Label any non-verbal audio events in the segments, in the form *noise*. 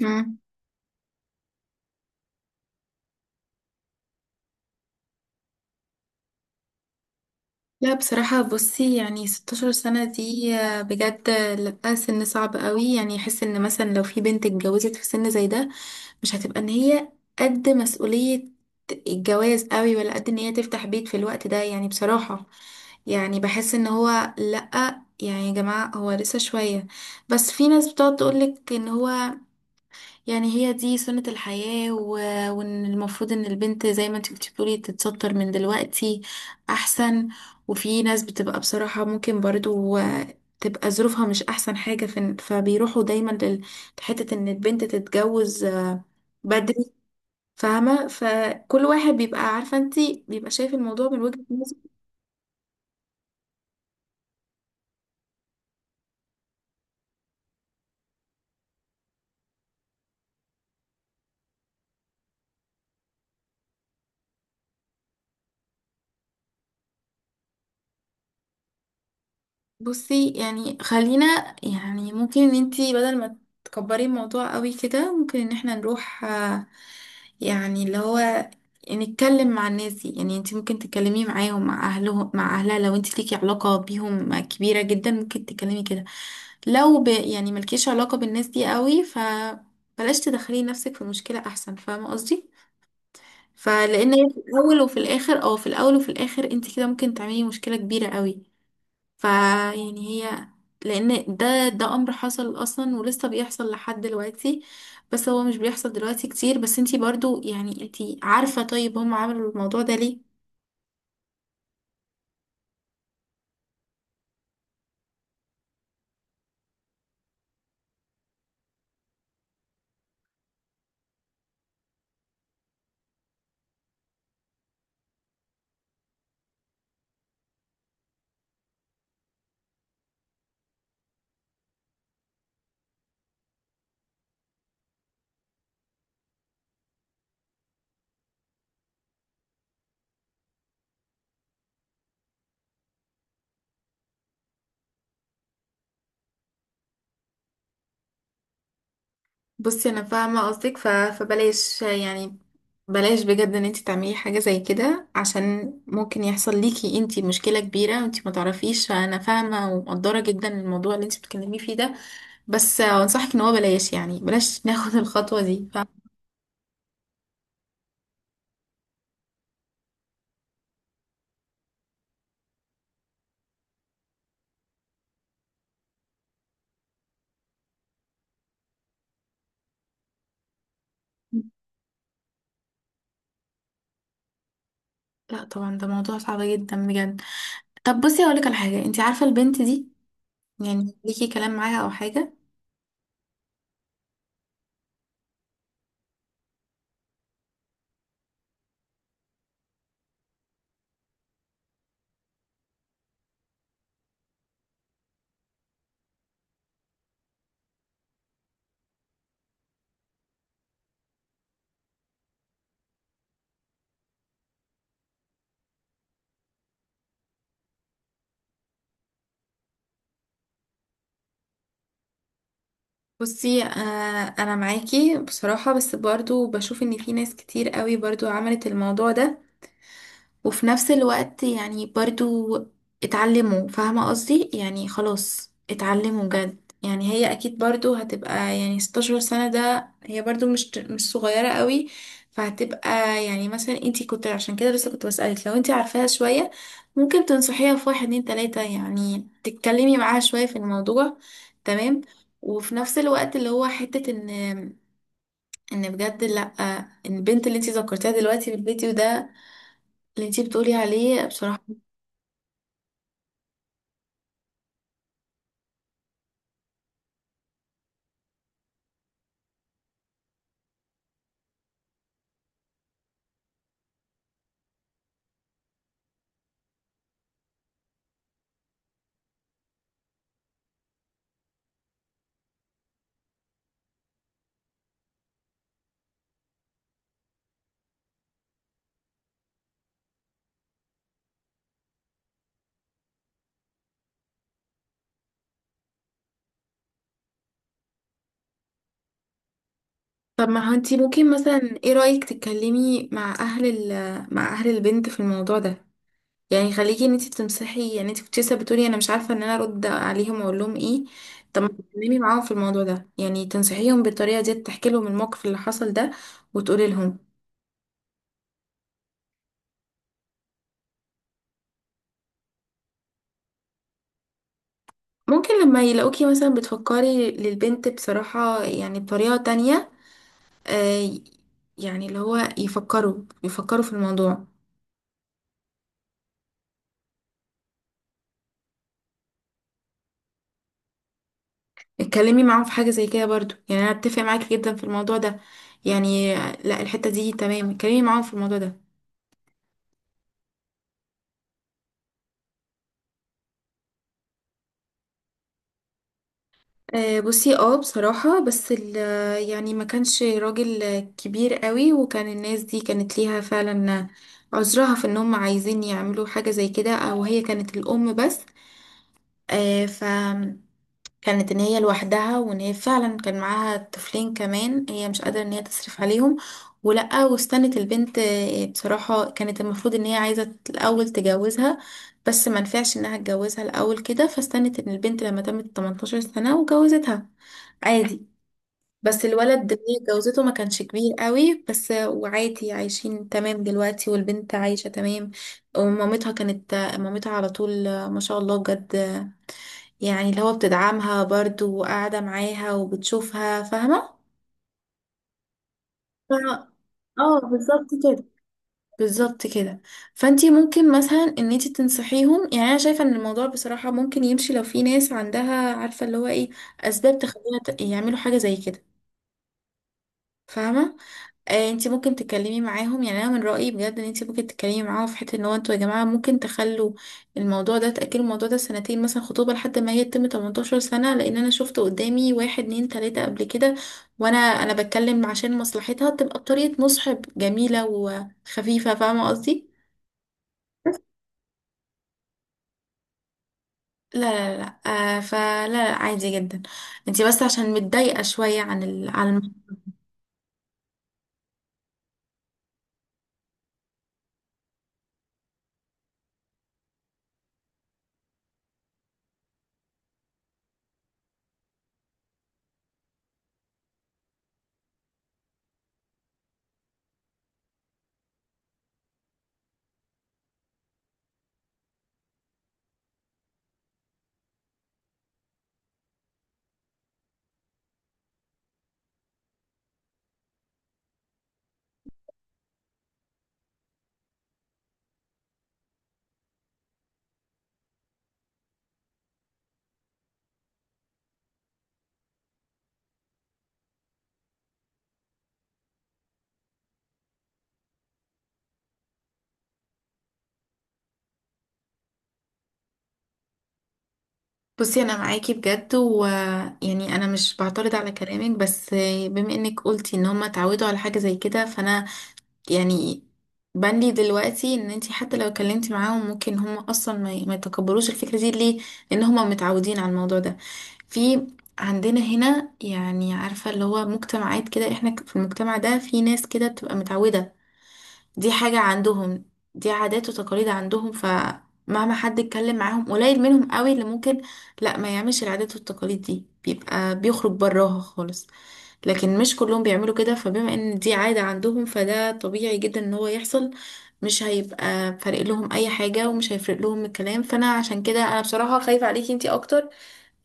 مم. لا بصراحة بصي، يعني 16 سنة دي بجد لا، سن صعب قوي. يعني يحس ان مثلا لو في بنت اتجوزت في سن زي ده، مش هتبقى ان هي قد مسؤولية الجواز قوي، ولا قد ان هي تفتح بيت في الوقت ده. يعني بصراحة، يعني بحس ان هو لا، يعني يا جماعة هو لسه شوية. بس في ناس بتقعد تقولك ان هو يعني هي دي سنة الحياة، وإن المفروض إن البنت زي ما انت كنت بتقولي تتستر من دلوقتي أحسن. وفي ناس بتبقى بصراحة ممكن برضو تبقى ظروفها مش أحسن حاجة، فبيروحوا دايما لحتة إن البنت تتجوز بدري. فاهمة؟ فكل واحد بيبقى عارفة انت، بيبقى شايف الموضوع من وجهة نظره. بصي يعني، خلينا يعني ممكن ان انتي بدل ما تكبري الموضوع قوي كده، ممكن ان احنا نروح يعني اللي هو نتكلم مع الناس دي. يعني انتي ممكن تتكلمي معاهم، مع اهلهم، مع اهلها. لو انتي ليكي علاقة بيهم كبيرة جدا ممكن تتكلمي كده. لو ب يعني ملكيش علاقة بالناس دي قوي، فبلاش تدخلي نفسك في مشكلة احسن، فاهمة قصدي؟ فلان هي في الاول وفي الاخر، او في الاول وفي الاخر انتي كده ممكن تعملي مشكلة كبيرة قوي. فيعني هي، لان ده امر حصل اصلا ولسه بيحصل لحد دلوقتي. بس هو مش بيحصل دلوقتي كتير. بس انتي برضو، يعني انتي عارفة، طيب هم عملوا الموضوع ده ليه؟ بصي انا فاهمة قصدك، فبلاش يعني، بلاش بجد ان انتي تعملي حاجة زي كده عشان ممكن يحصل ليكي انتي مشكلة كبيرة وانتي ما تعرفيش. فانا فاهمة ومقدرة جدا الموضوع اللي انتي بتتكلمي فيه ده. بس انصحك ان هو بلاش، يعني بلاش *laughs* ناخد الخطوة دي، فاهمة؟ لا طبعا، ده موضوع صعب جدا بجد. طب بصي، هقولك على حاجه. انت عارفه البنت دي؟ يعني ليكي كلام معاها او حاجه؟ بصي آه، انا معاكي بصراحه، بس برضو بشوف ان في ناس كتير قوي برضو عملت الموضوع ده، وفي نفس الوقت يعني برضو اتعلموا، فاهمة قصدي؟ يعني خلاص اتعلموا جد. يعني هي اكيد برضو هتبقى، يعني 16 سنة ده هي برضو مش صغيرة قوي. فهتبقى يعني مثلا، انتي كنت عشان كده لسه كنت بسألك لو انتي عارفاها شوية ممكن تنصحيها في واحد اتنين تلاتة، يعني تتكلمي معاها شوية في الموضوع، تمام؟ وفي نفس الوقت اللي هو حتة ان، ان بجد لأ، ان البنت اللي انتي ذكرتيها دلوقتي في الفيديو ده، اللي انتي بتقولي عليه بصراحة. طب ما هو انتي ممكن مثلا، ايه رأيك تتكلمي مع اهل ال مع اهل البنت في الموضوع ده؟ يعني خليكي ان انتي تمسحي، يعني انتي كنت لسه بتقولي انا مش عارفة ان انا ارد عليهم واقول لهم ايه. طب ما تتكلمي معاهم في الموضوع ده، يعني تنصحيهم بالطريقة دي، تحكي لهم الموقف اللي حصل ده وتقولي لهم. ممكن لما يلاقوكي مثلا بتفكري للبنت بصراحة، يعني بطريقة تانية، آه، يعني اللي هو يفكروا يفكروا في الموضوع. اتكلمي معاهم في حاجة زي كده برضو، يعني انا اتفق معاكي جدا في الموضوع ده، يعني لا، الحتة دي تمام، اتكلمي معاهم في الموضوع ده. آه، بصي اه بصراحة، بس يعني ما كانش راجل كبير قوي، وكان الناس دي كانت ليها فعلا عذرها في ان هم عايزين يعملوا حاجة زي كده. او هي كانت الام بس، ف كانت ان هي لوحدها، وان هي فعلا كان معاها طفلين كمان هي مش قادرة ان هي تصرف عليهم. ولأ، واستنت البنت بصراحة كانت المفروض ان هي عايزة الأول تجوزها، بس ما نفعش انها تجوزها الأول كده، فاستنت ان البنت لما تمت 18 سنة وجوزتها عادي. بس الولد اللي هي جوزته ما كانش كبير قوي، بس وعادي عايشين تمام دلوقتي والبنت عايشة تمام. ومامتها كانت مامتها على طول ما شاء الله بجد. يعني اللي هو بتدعمها برضو وقاعدة معاها وبتشوفها، فاهمة؟ ف... اه بالظبط كده، بالظبط كده. فانتي ممكن مثلا ان انتي تنصحيهم. يعني انا شايفة ان الموضوع بصراحة ممكن يمشي لو في ناس عندها عارفة اللي هو ايه اسباب تخليها يعملوا حاجة زي كده، فاهمة؟ انت ممكن تتكلمي معاهم. يعني انا من رأيي بجد ان انت ممكن تتكلمي معاهم في حته ان هو، انتوا يا جماعه ممكن تخلوا الموضوع ده، تأجلوا الموضوع ده سنتين مثلا خطوبه لحد ما هي تتم 18 سنه، لان انا شفت قدامي واحد اتنين تلاته قبل كده. وانا بتكلم عشان مصلحتها تبقى بطريقه مصحب جميله وخفيفه، فاهمه قصدي؟ لا لا لا، آه فلا لا، عادي جدا. انت بس عشان متضايقه شويه عن عن. بصي انا معاكي بجد، ويعني انا مش بعترض على كلامك، بس بما انك قلتي ان هما اتعودوا على حاجه زي كده، فانا يعني بندي دلوقتي ان انتي حتى لو اتكلمتي معاهم ممكن هما اصلا ما يتقبلوش الفكره دي. ليه؟ لان هما متعودين على الموضوع ده. في عندنا هنا، يعني عارفه اللي هو مجتمعات كده، احنا في المجتمع ده في ناس كده بتبقى متعوده. دي حاجة عندهم، دي عادات وتقاليد عندهم، فمهما حد اتكلم معاهم قليل منهم قوي اللي ممكن لا ما يعملش. العادات والتقاليد دي بيبقى بيخرج براها خالص، لكن مش كلهم بيعملوا كده. فبما ان دي عادة عندهم، فده طبيعي جدا ان هو يحصل. مش هيبقى فارق لهم اي حاجة، ومش هيفرق لهم الكلام. فانا عشان كده انا بصراحة خايفة عليكي انتي اكتر،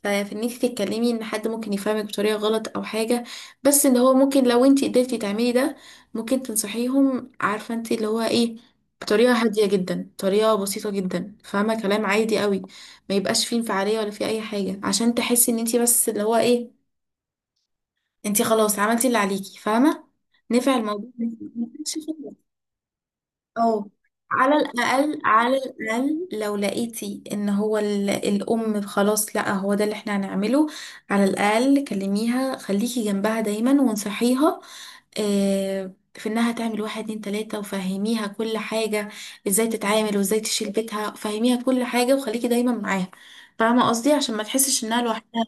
ففي ان انت تتكلمي ان حد ممكن يفهمك بطريقه غلط او حاجه. بس اللي هو ممكن لو انت قدرتي تعملي ده، ممكن تنصحيهم، عارفه انت اللي هو ايه، بطريقه هاديه جدا، طريقه بسيطه جدا، فاهمه؟ كلام عادي قوي، ما يبقاش فيه انفعاليه ولا فيه اي حاجه، عشان تحسي ان انت بس اللي هو ايه، انت خلاص عملتي اللي عليكي، فاهمه؟ نفع الموضوع. اه، على الأقل، على الأقل لو لقيتي إن هو الأم خلاص لأ هو ده اللي احنا هنعمله، على الأقل كلميها، خليكي جنبها دايما، وانصحيها في إنها تعمل واحد اتنين تلاتة، وفهميها كل حاجة، ازاي تتعامل وازاي تشيل بيتها، فهميها كل حاجة وخليكي دايما معاها، فاهمة قصدي؟ عشان ما تحسش إنها لوحدها.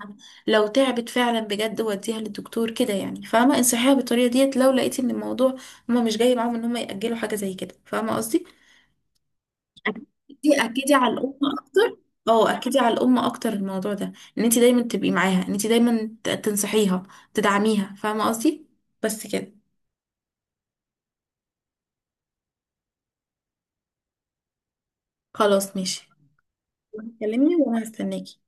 لو تعبت فعلا بجد وديها للدكتور كده، يعني فاهمة انصحيها بالطريقة ديت لو لقيتي إن الموضوع هما مش جاي معاهم ان هما يأجلوا حاجة زي كده، فاهمة قصدي؟ اكدي، اكدي على الام اكتر. اه اكدي على الام اكتر الموضوع ده، ان انت دايما تبقي معاها، ان انت دايما تنصحيها تدعميها، فاهمة قصدي؟ بس كده. خلاص ماشي. كلمني وانا هستناكي.